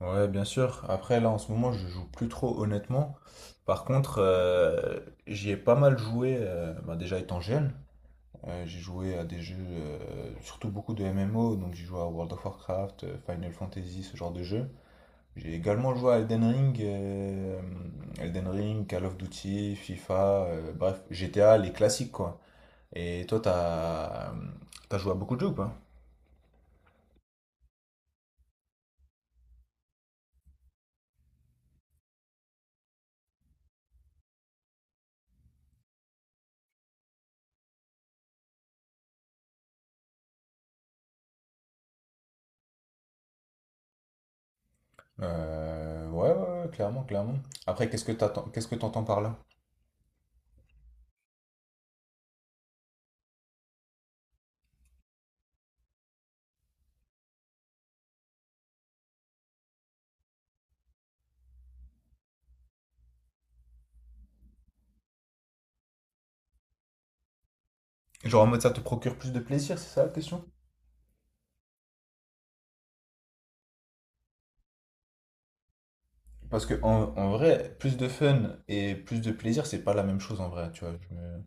Ouais, bien sûr. Après, là, en ce moment, je joue plus trop, honnêtement. Par contre, j'y ai pas mal joué, bah, déjà étant jeune. J'ai joué à des jeux, surtout beaucoup de MMO, donc j'ai joué à World of Warcraft, Final Fantasy, ce genre de jeu. J'ai également joué à Elden Ring, Call of Duty, FIFA, bref, GTA, les classiques, quoi. Et toi, t'as joué à beaucoup de jeux ou pas? Ouais, ouais, ouais, clairement, clairement. Après, qu'est-ce que t'entends par là? Genre en mode ça te procure plus de plaisir, c'est ça la question? Parce que en vrai, plus de fun et plus de plaisir, c'est pas la même chose en vrai, tu vois. Je me-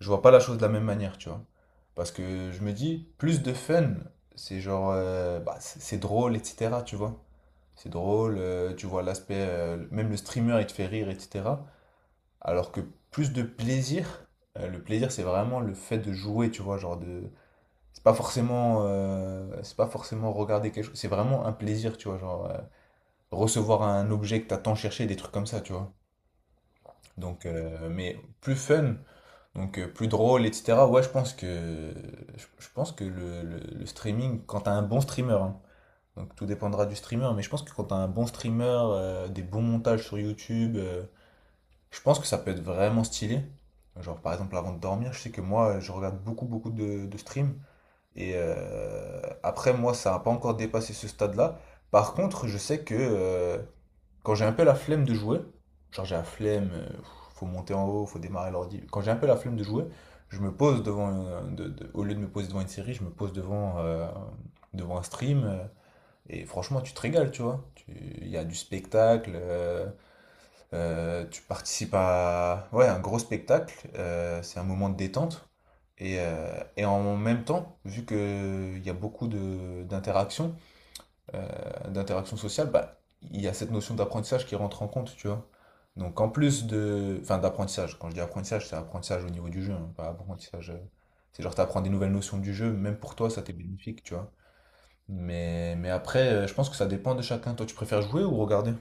je vois pas la chose de la même manière, tu vois. Parce que je me dis, plus de fun, c'est genre, bah, c'est drôle, etc., tu vois. C'est drôle, tu vois l'aspect, même le streamer, il te fait rire, etc. Alors que plus de plaisir, le plaisir, c'est vraiment le fait de jouer, tu vois, genre de. C'est pas forcément regarder quelque chose, c'est vraiment un plaisir, tu vois, genre, recevoir un objet que t'as tant cherché, des trucs comme ça, tu vois. Donc, mais plus fun, donc plus drôle, etc. Ouais, je pense que le streaming, quand t'as un bon streamer, hein, donc tout dépendra du streamer, mais je pense que quand t'as un bon streamer, des bons montages sur YouTube, je pense que ça peut être vraiment stylé. Genre, par exemple, avant de dormir, je sais que moi, je regarde beaucoup, beaucoup de streams. Et après, moi, ça n'a pas encore dépassé ce stade-là. Par contre, je sais que quand j'ai un peu la flemme de jouer, genre j'ai la flemme, faut monter en haut, faut démarrer l'ordi. Quand j'ai un peu la flemme de jouer, je me pose devant, au lieu de me poser devant une série, je me pose devant un stream. Et franchement, tu te régales, tu vois. Il y a du spectacle, tu participes à ouais, un gros spectacle, c'est un moment de détente. Et en même temps, vu qu'il y a beaucoup d'interaction sociale, bah, il y a cette notion d'apprentissage qui rentre en compte, tu vois. Enfin d'apprentissage, quand je dis apprentissage, c'est apprentissage au niveau du jeu, hein, pas apprentissage. C'est genre t'apprends des nouvelles notions du jeu, même pour toi ça t'est bénéfique, tu vois. Mais après, je pense que ça dépend de chacun. Toi, tu préfères jouer ou regarder?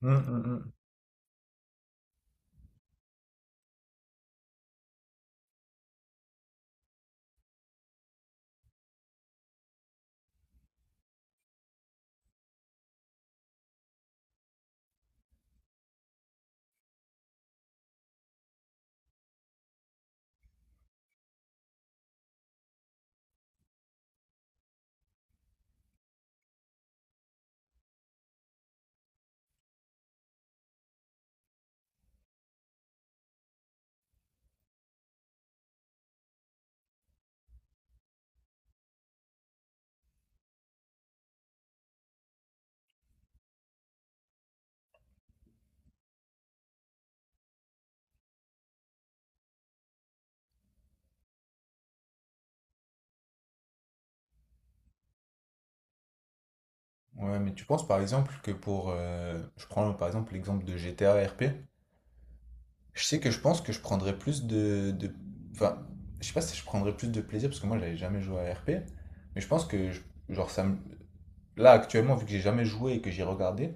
Hum, hum, hum. Ouais, mais tu penses par exemple que je prends par exemple l'exemple de GTA RP. Je sais que je pense que je prendrais plus Enfin, je sais pas si je prendrais plus de plaisir, parce que moi, j'avais jamais joué à RP. Mais je pense genre, ça me. Là, actuellement, vu que j'ai jamais joué et que j'ai regardé,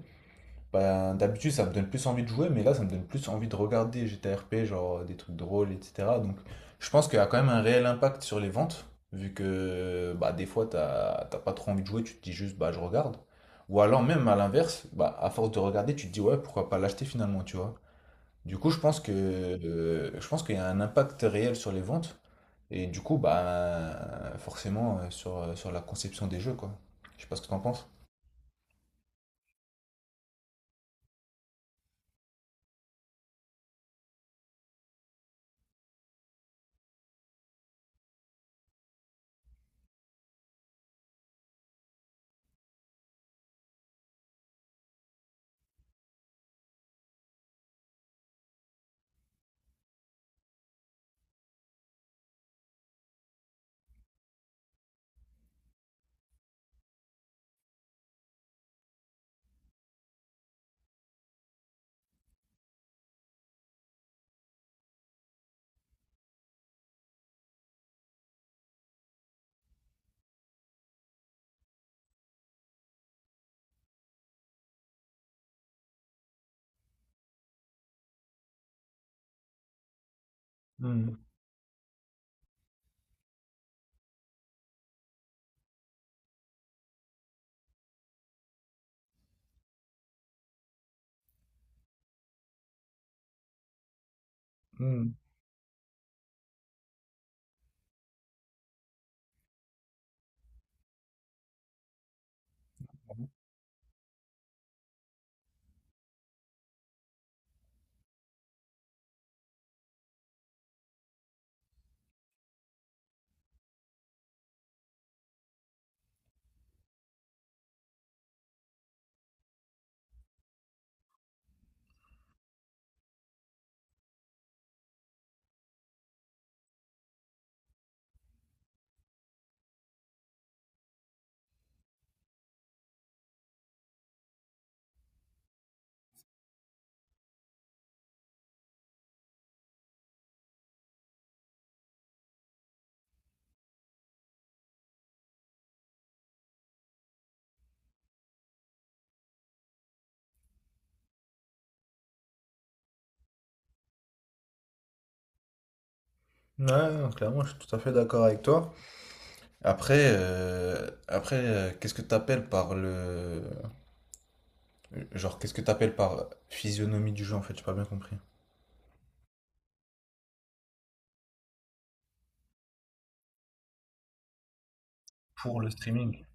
ben, d'habitude, ça me donne plus envie de jouer, mais là, ça me donne plus envie de regarder GTA RP, genre, des trucs drôles, etc. Donc, je pense qu'il y a quand même un réel impact sur les ventes, vu que, bah, des fois, t'as pas trop envie de jouer, tu te dis juste, bah, je regarde. Ou alors, même à l'inverse, bah, à force de regarder, tu te dis, ouais, pourquoi pas l'acheter finalement, tu vois. Du coup, je pense que je pense qu'il y a un impact réel sur les ventes et du coup, bah forcément sur la conception des jeux, quoi. Je sais pas ce que t'en penses. Hmm, hmm. Ouais, non, clairement, je suis tout à fait d'accord avec toi. Après, qu'est-ce que t'appelles par physionomie du jeu en fait, j'ai pas bien compris. Pour le streaming.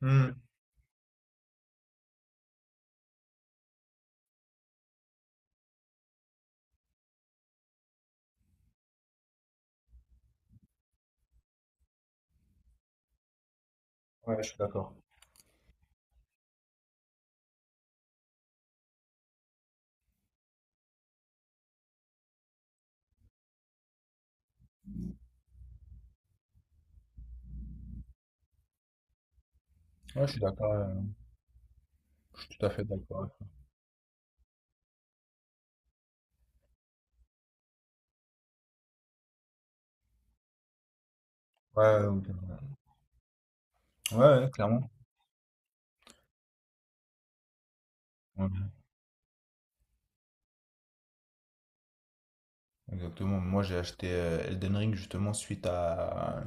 Hmm. Ouais, je suis d'accord. Ouais, je suis d'accord. Je suis tout à fait d'accord. Ouais, ouais, ok, ouais, ouais, ouais, clairement. Ouais. Exactement. Moi,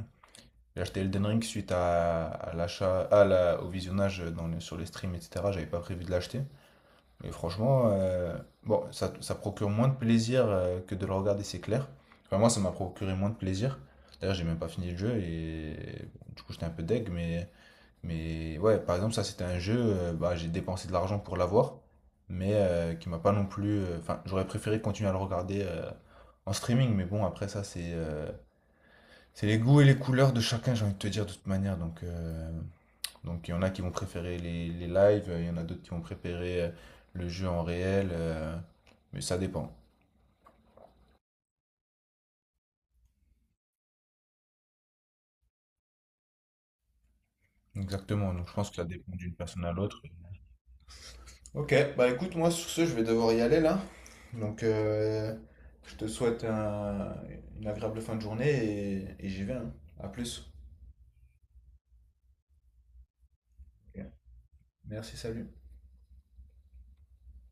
j'ai acheté Elden Ring suite à l'achat à au visionnage dans sur les streams etc. J'avais pas prévu de l'acheter. Et franchement, bon, ça procure moins de plaisir que de le regarder, c'est clair. Enfin, moi, ça m'a procuré moins de plaisir. D'ailleurs, j'ai même pas fini le jeu et du coup, j'étais un peu deg, mais ouais, par exemple, ça c'était un jeu, bah, j'ai dépensé de l'argent pour l'avoir, mais qui m'a pas non plus. Enfin, j'aurais préféré continuer à le regarder en streaming, mais bon, après ça, c'est les goûts et les couleurs de chacun, j'ai envie de te dire de toute manière. Donc il y en a qui vont préférer les lives, il y en a d'autres qui vont préférer le jeu en réel, mais ça dépend. Exactement, donc je pense que ça dépend d'une personne à l'autre. Ok, bah écoute, moi sur ce, je vais devoir y aller là. Donc, je te souhaite une agréable fin de journée et j'y vais, hein. À plus. Ok. Merci, salut.